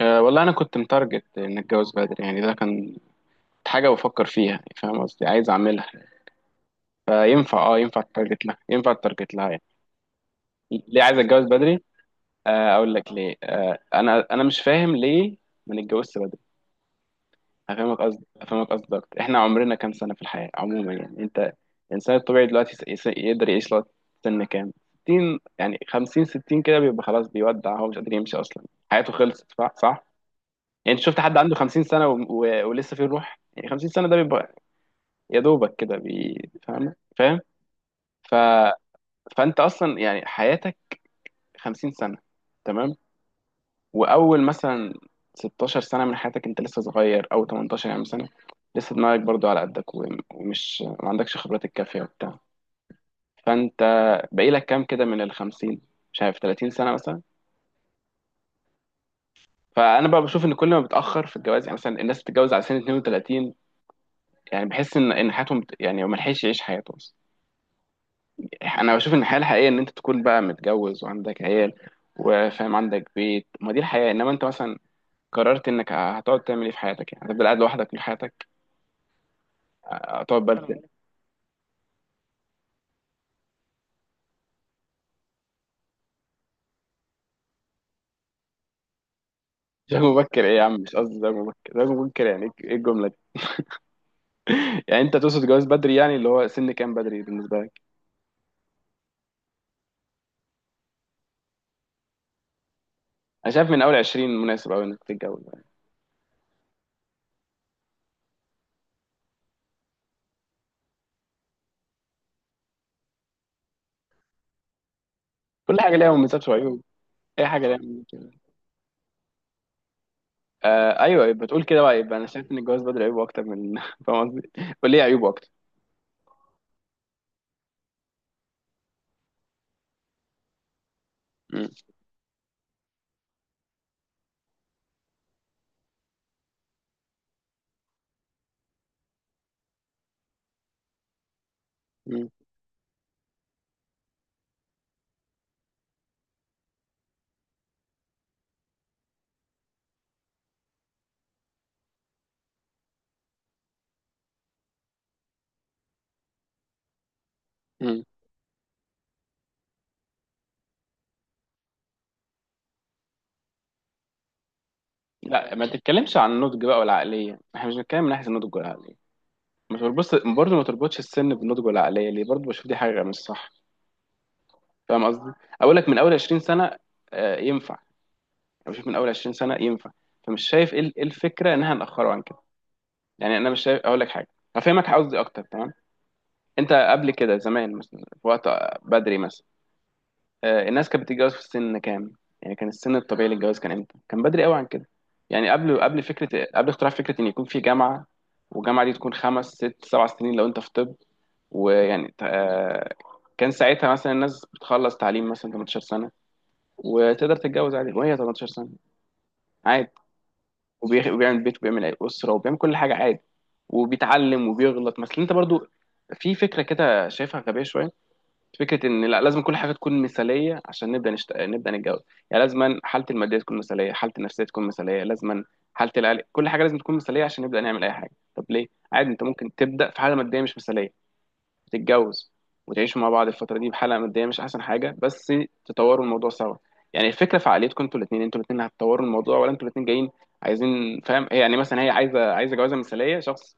أه والله انا كنت متارجت ان اتجوز بدري، يعني ده كان حاجه بفكر فيها، يعني فاهم قصدي، عايز اعملها. فينفع، ينفع التارجت لها، يعني. ليه عايز اتجوز بدري؟ أه، اقول لك ليه. انا مش فاهم ليه ما نتجوزش بدري. هفهمك قصدي، اكتر. احنا عمرنا كام سنه في الحياه عموما؟ يعني انت، الانسان الطبيعي دلوقتي يقدر يعيش لغايه سن كام؟ 60، يعني 50، 60، كده بيبقى خلاص، بيودع، هو مش قادر يمشي اصلا، حياته خلصت. صح؟ يعني انت شفت حد عنده 50 سنه ولسه فيه روح؟ يعني 50 سنه ده بيبقى يا دوبك كده فاهم، ف... فانت اصلا يعني حياتك 50 سنه، تمام؟ واول مثلا 16 سنه من حياتك انت لسه صغير، او 18 يعني سنه لسه دماغك برضو على قدك، ومش ما عندكش خبرات الكافيه وبتاع. فانت باقي لك كام كده من ال 50؟ مش عارف، 30 سنه مثلا. فانا بقى بشوف ان كل ما بتاخر في الجواز، يعني مثلا الناس بتتجوز على سن 32، يعني بحس ان حياتهم يعني ما لحقش يعيش حياته. انا بشوف ان الحياه الحقيقيه، ان انت تكون بقى متجوز وعندك عيال وفاهم، عندك بيت، ما دي الحياه. انما انت مثلا قررت انك هتقعد تعمل ايه في حياتك؟ يعني هتفضل قاعد لوحدك طول حياتك؟ هتقعد بلد. زواج مبكر ايه يا عم؟ مش قصدي زواج مبكر، زواج مبكر يعني ايه؟ الجمله دي. يعني انت تقصد جواز بدري، يعني اللي هو سن كام بدري بالنسبه لك؟ انا شايف من اول 20 مناسب قوي انك تتجوز يعني. كل حاجه ليها مميزات وعيوب. اي حاجه ليها مميزات. آه ايوه، يبقى تقول كده بقى. يبقى انا شايف ان الجواز بدري عيوبه اكتر، من فاهم قصدي. قول لي إيه عيوبه اكتر؟ م- م- م. لا ما تتكلمش عن النضج بقى والعقليه، احنا مش بنتكلم من ناحيه النضج والعقليه. مش بتبص برضه، ما تربطش السن بالنضج والعقليه ليه؟ برضه بشوف دي حاجه مش صح. فاهم قصدي؟ اقول لك من اول 20 سنه ينفع. انا بشوف من اول 20 سنه ينفع. فمش شايف إيه الفكره انها ناخره عن كده. يعني انا مش شايف. اقول لك حاجه، هفهمك قصدي اكتر، تمام. انت قبل كده زمان، مثلا في وقت بدري مثلا، الناس كانت بتتجوز في سن كام؟ يعني كان السن الطبيعي للجواز كان امتى؟ كان بدري قوي عن كده. يعني قبل، فكره، قبل اختراع فكره ان يكون في جامعه، والجامعه دي تكون خمس ست سبع سنين لو انت في طب. ويعني كان ساعتها مثلا الناس بتخلص تعليم مثلا 18 سنه، وتقدر تتجوز عادي وهي 18 سنه، عادي. وبيعمل بيت وبيعمل اسره وبيعمل كل حاجه عادي، وبيتعلم وبيغلط. مثلا انت برضو في فكره كده شايفها غبيه شويه، فكره ان لا لازم كل حاجه تكون مثاليه عشان نبدا نبدا نتجوز. يعني لازما حالتي الماديه تكون مثاليه، حالتي النفسيه تكون مثاليه، لازما حالتي العقل، كل حاجه لازم تكون مثاليه عشان نبدا نعمل اي حاجه. طب ليه؟ عادي، انت ممكن تبدا في حاله ماديه مش مثاليه، تتجوز، وتعيشوا مع بعض الفتره دي بحاله ماديه مش احسن حاجه، بس تطوروا الموضوع سوا. يعني الفكره في عقليتكم انتوا الاثنين، هتطوروا الموضوع، ولا انتوا الاثنين جايين عايزين فاهم؟ هي يعني مثلا هي عايزه جوازه مثاليه، شخص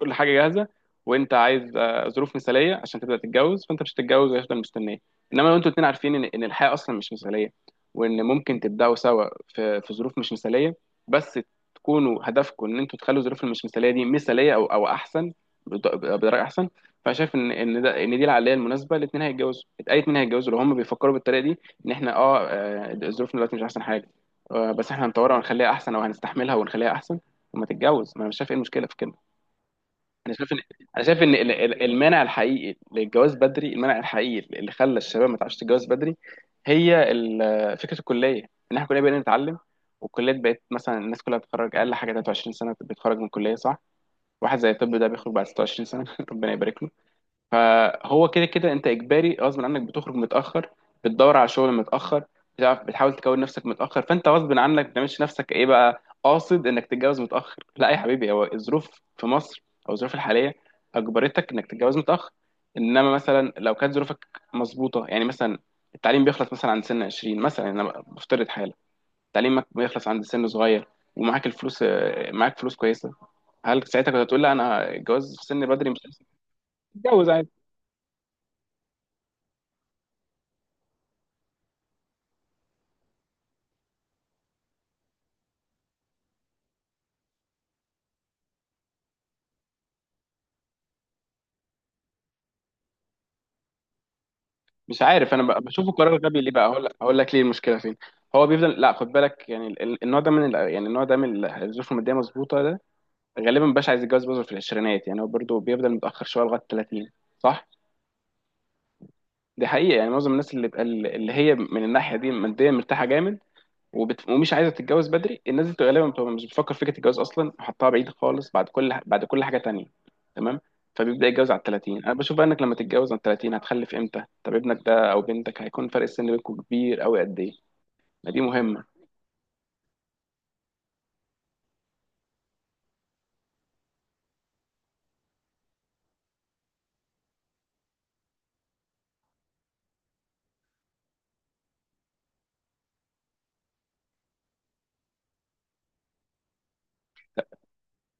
كل حاجه جاهزه، وانت عايز ظروف مثاليه عشان تبدا تتجوز، فانت مش هتتجوز وهيفضل مستنيه. انما لو انتوا الاتنين عارفين ان الحياه اصلا مش مثاليه، وان ممكن تبداوا سوا في ظروف مش مثاليه، بس تكونوا هدفكم ان انتوا تخلوا الظروف المش مثاليه دي مثاليه، او احسن، بطريقه احسن. فانا شايف ان دي العقليه المناسبه. الاثنين هيتجوزوا، اي اثنين هيتجوزوا لو هم بيفكروا بالطريقه دي، ان احنا ظروفنا دلوقتي مش احسن حاجه، بس احنا هنطورها ونخليها احسن، او هنستحملها ونخليها احسن. وما تتجوز، ما انا مش شايف ايه المشكله في كده. انا شايف ان، المانع الحقيقي للجواز بدري، المانع الحقيقي اللي خلى الشباب ما تعرفش تتجوز بدري، هي فكره الكليه. ان احنا كلنا بقينا نتعلم، والكليات بقت مثلا الناس كلها بتتخرج اقل حاجه 23 سنه، بتتخرج من الكليه، صح؟ واحد زي الطب ده بيخرج بعد 26 سنه، ربنا يبارك له. فهو كده كده انت اجباري، غصب عنك بتخرج متاخر، بتدور على شغل متاخر، بتعرف، بتحاول تكون نفسك متاخر، فانت غصب عنك ما بتعملش نفسك ايه بقى قاصد انك تتجوز متاخر. لا يا حبيبي، هو الظروف في مصر او الظروف الحاليه اجبرتك انك تتجوز متاخر. انما مثلا لو كانت ظروفك مظبوطه، يعني مثلا التعليم بيخلص مثلا عند سن 20 مثلا، انا بفترض حاله، تعليمك بيخلص عند سن صغير، ومعاك الفلوس، معاك فلوس كويسه، هل ساعتها كنت هتقول لا انا الجواز في سن بدري مش هتجوز؟ مش عارف. انا بشوفه قرار غبي. ليه بقى؟ اقول، لك ليه المشكله فين. هو بيفضل، لا خد بالك، يعني النوع ده من الظروف الماديه مظبوطه، ده غالبا مبقاش عايز يتجوز برضه في العشرينات. يعني هو برضه بيفضل متاخر شويه لغايه 30، صح؟ دي حقيقه. يعني معظم الناس اللي بقى، اللي هي من الناحيه دي ماديا مرتاحه جامد، ومش عايزه تتجوز بدري، الناس دي غالبا بتبقى مش بتفكر في فكره الجواز اصلا، وحطها بعيد خالص بعد كل، حاجه تانية، تمام. فبيبدا يتجوز على ال 30. انا بشوف بقى انك لما تتجوز على ال 30 هتخلف امتى؟ طب ابنك ده او بنتك هيكون فرق السن بينكم كبير قوي قد ايه؟ ما دي مهمه.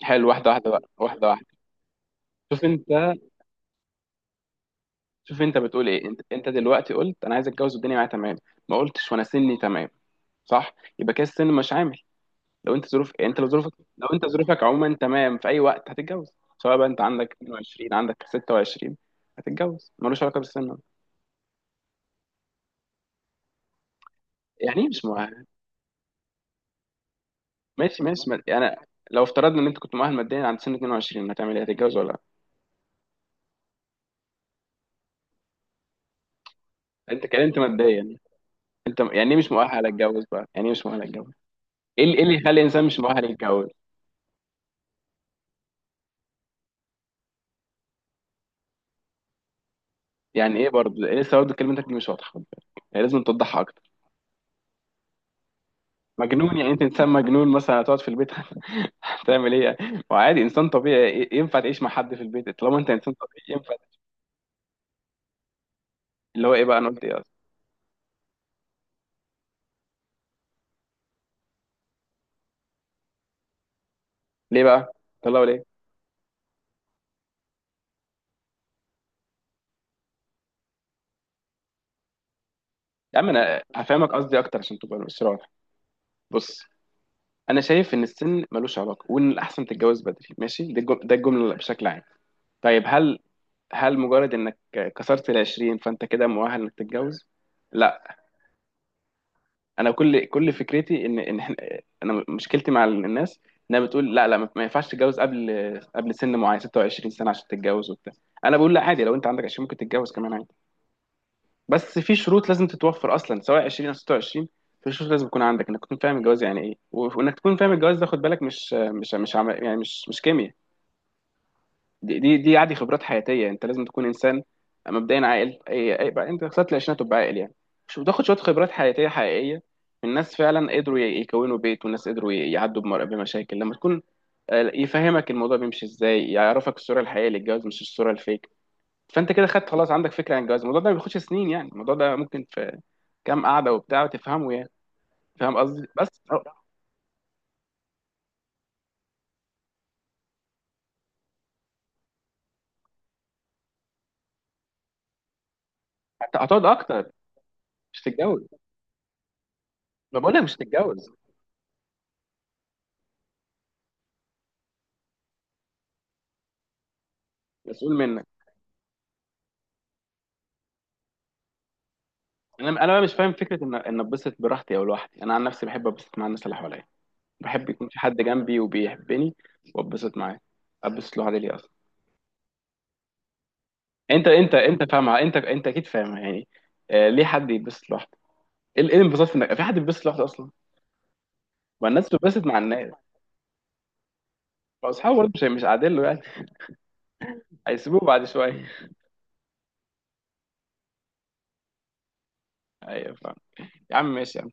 حلو، واحده واحده بقى، واحده واحده. شوف انت، بتقول ايه. انت دلوقتي قلت انا عايز اتجوز والدنيا معايا تمام، ما قلتش وانا سني تمام. صح؟ يبقى كده السن مش عامل. لو انت، ظروف يعني انت لو ظروفك لو انت ظروفك عموما تمام، في اي وقت هتتجوز، سواء بقى انت عندك 22 عندك 26، هتتجوز، ملوش علاقه بالسن. يعني ايه مش مؤهل؟ ماشي ماشي، ما... انا لو افترضنا ان انت كنت مؤهل ماديا عند سن 22، هتعمل ايه؟ هتتجوز ولا لا؟ انت كلمت ماديا. انت يعني ايه مش مؤهل اتجوز بقى؟ يعني ايه مش مؤهل اتجوز؟ ايه اللي، إيه اللي يخلي الانسان مش مؤهل يتجوز؟ يعني ايه برضه؟ إيه لسه برضه؟ كلمتك دي مش واضحه، خد بالك. يعني لازم توضحها اكتر. مجنون؟ يعني انت انسان مجنون مثلا هتقعد في البيت، تعمل ايه؟ يعني ما هو عادي انسان طبيعي، ينفع تعيش مع حد في البيت. طالما انت انسان طبيعي ينفع. اللي هو ايه بقى؟ انا قلت ايه اصلا؟ ليه بقى طلعوا ليه؟ يا عم، انا هفهمك قصدي اكتر عشان تبقى مش رايح. بص، انا شايف ان السن ملوش علاقه، وان الاحسن تتجوز بدري، ماشي. ده الجمله بشكل عام. طيب هل، مجرد انك كسرت ال 20 فانت كده مؤهل انك تتجوز؟ لا. انا كل فكرتي انا مشكلتي مع الناس انها بتقول لا، لا، ما ينفعش تتجوز قبل، سن معين، 26 سنه عشان تتجوز وبتاع. انا بقول لا، عادي، لو انت عندك 20 ممكن تتجوز كمان، عادي. بس في شروط لازم تتوفر اصلا سواء 20 او 26. في شروط لازم تكون عندك، انك تكون فاهم الجواز يعني ايه، وانك تكون فاهم الجواز ده، خد بالك، مش مش مش عم... يعني مش كيمياء. دي عادي، خبرات حياتيه، انت لازم تكون انسان مبدئيا عاقل، اي بقى انت وصلت العشرينات تبقى عاقل يعني، مش بتاخد شويه خبرات حياتيه حقيقيه من ناس فعلا قدروا يكونوا بيت، والناس قدروا يعدوا بمشاكل. لما تكون يفهمك الموضوع بيمشي ازاي، يعرفك الصوره الحقيقيه للجواز مش الصوره الفيك. فانت كده خدت خلاص، عندك فكره عن الجواز. الموضوع ده ما بياخدش سنين، يعني الموضوع ده ممكن في كام قعده وبتاع وتفهمه، يعني فاهم قصدي بس. هتقعد اكتر. مش تتجوز، ما بقول لك مش تتجوز. مسؤول منك. انا بقى مش فاهم فكره ان اتبسط براحتي او لوحدي. انا عن نفسي بحب اتبسط مع الناس اللي حواليا، بحب يكون في حد جنبي وبيحبني واتبسط معاه. اتبسط لوحدي ليه اصلا؟ انت فاهمها، انت اكيد فاهمها يعني. آه، ليه حد يتبسط لوحده؟ ايه، الانبساط في انك في حد بيتبسط لوحده اصلا؟ ما الناس بتتبسط مع الناس. فاصحابه برضه مش قاعدين له يعني. هيسيبوه بعد شويه. ايوه فاهم. يا عم ماشي يا عم.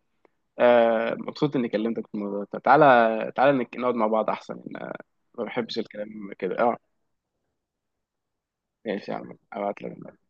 آه، مبسوط اني كلمتك في الموضوع ده. تعالى تعالى، نقعد مع بعض احسن. ما بحبش الكلام كده، اه. ماشي يا عم، ابعت لك.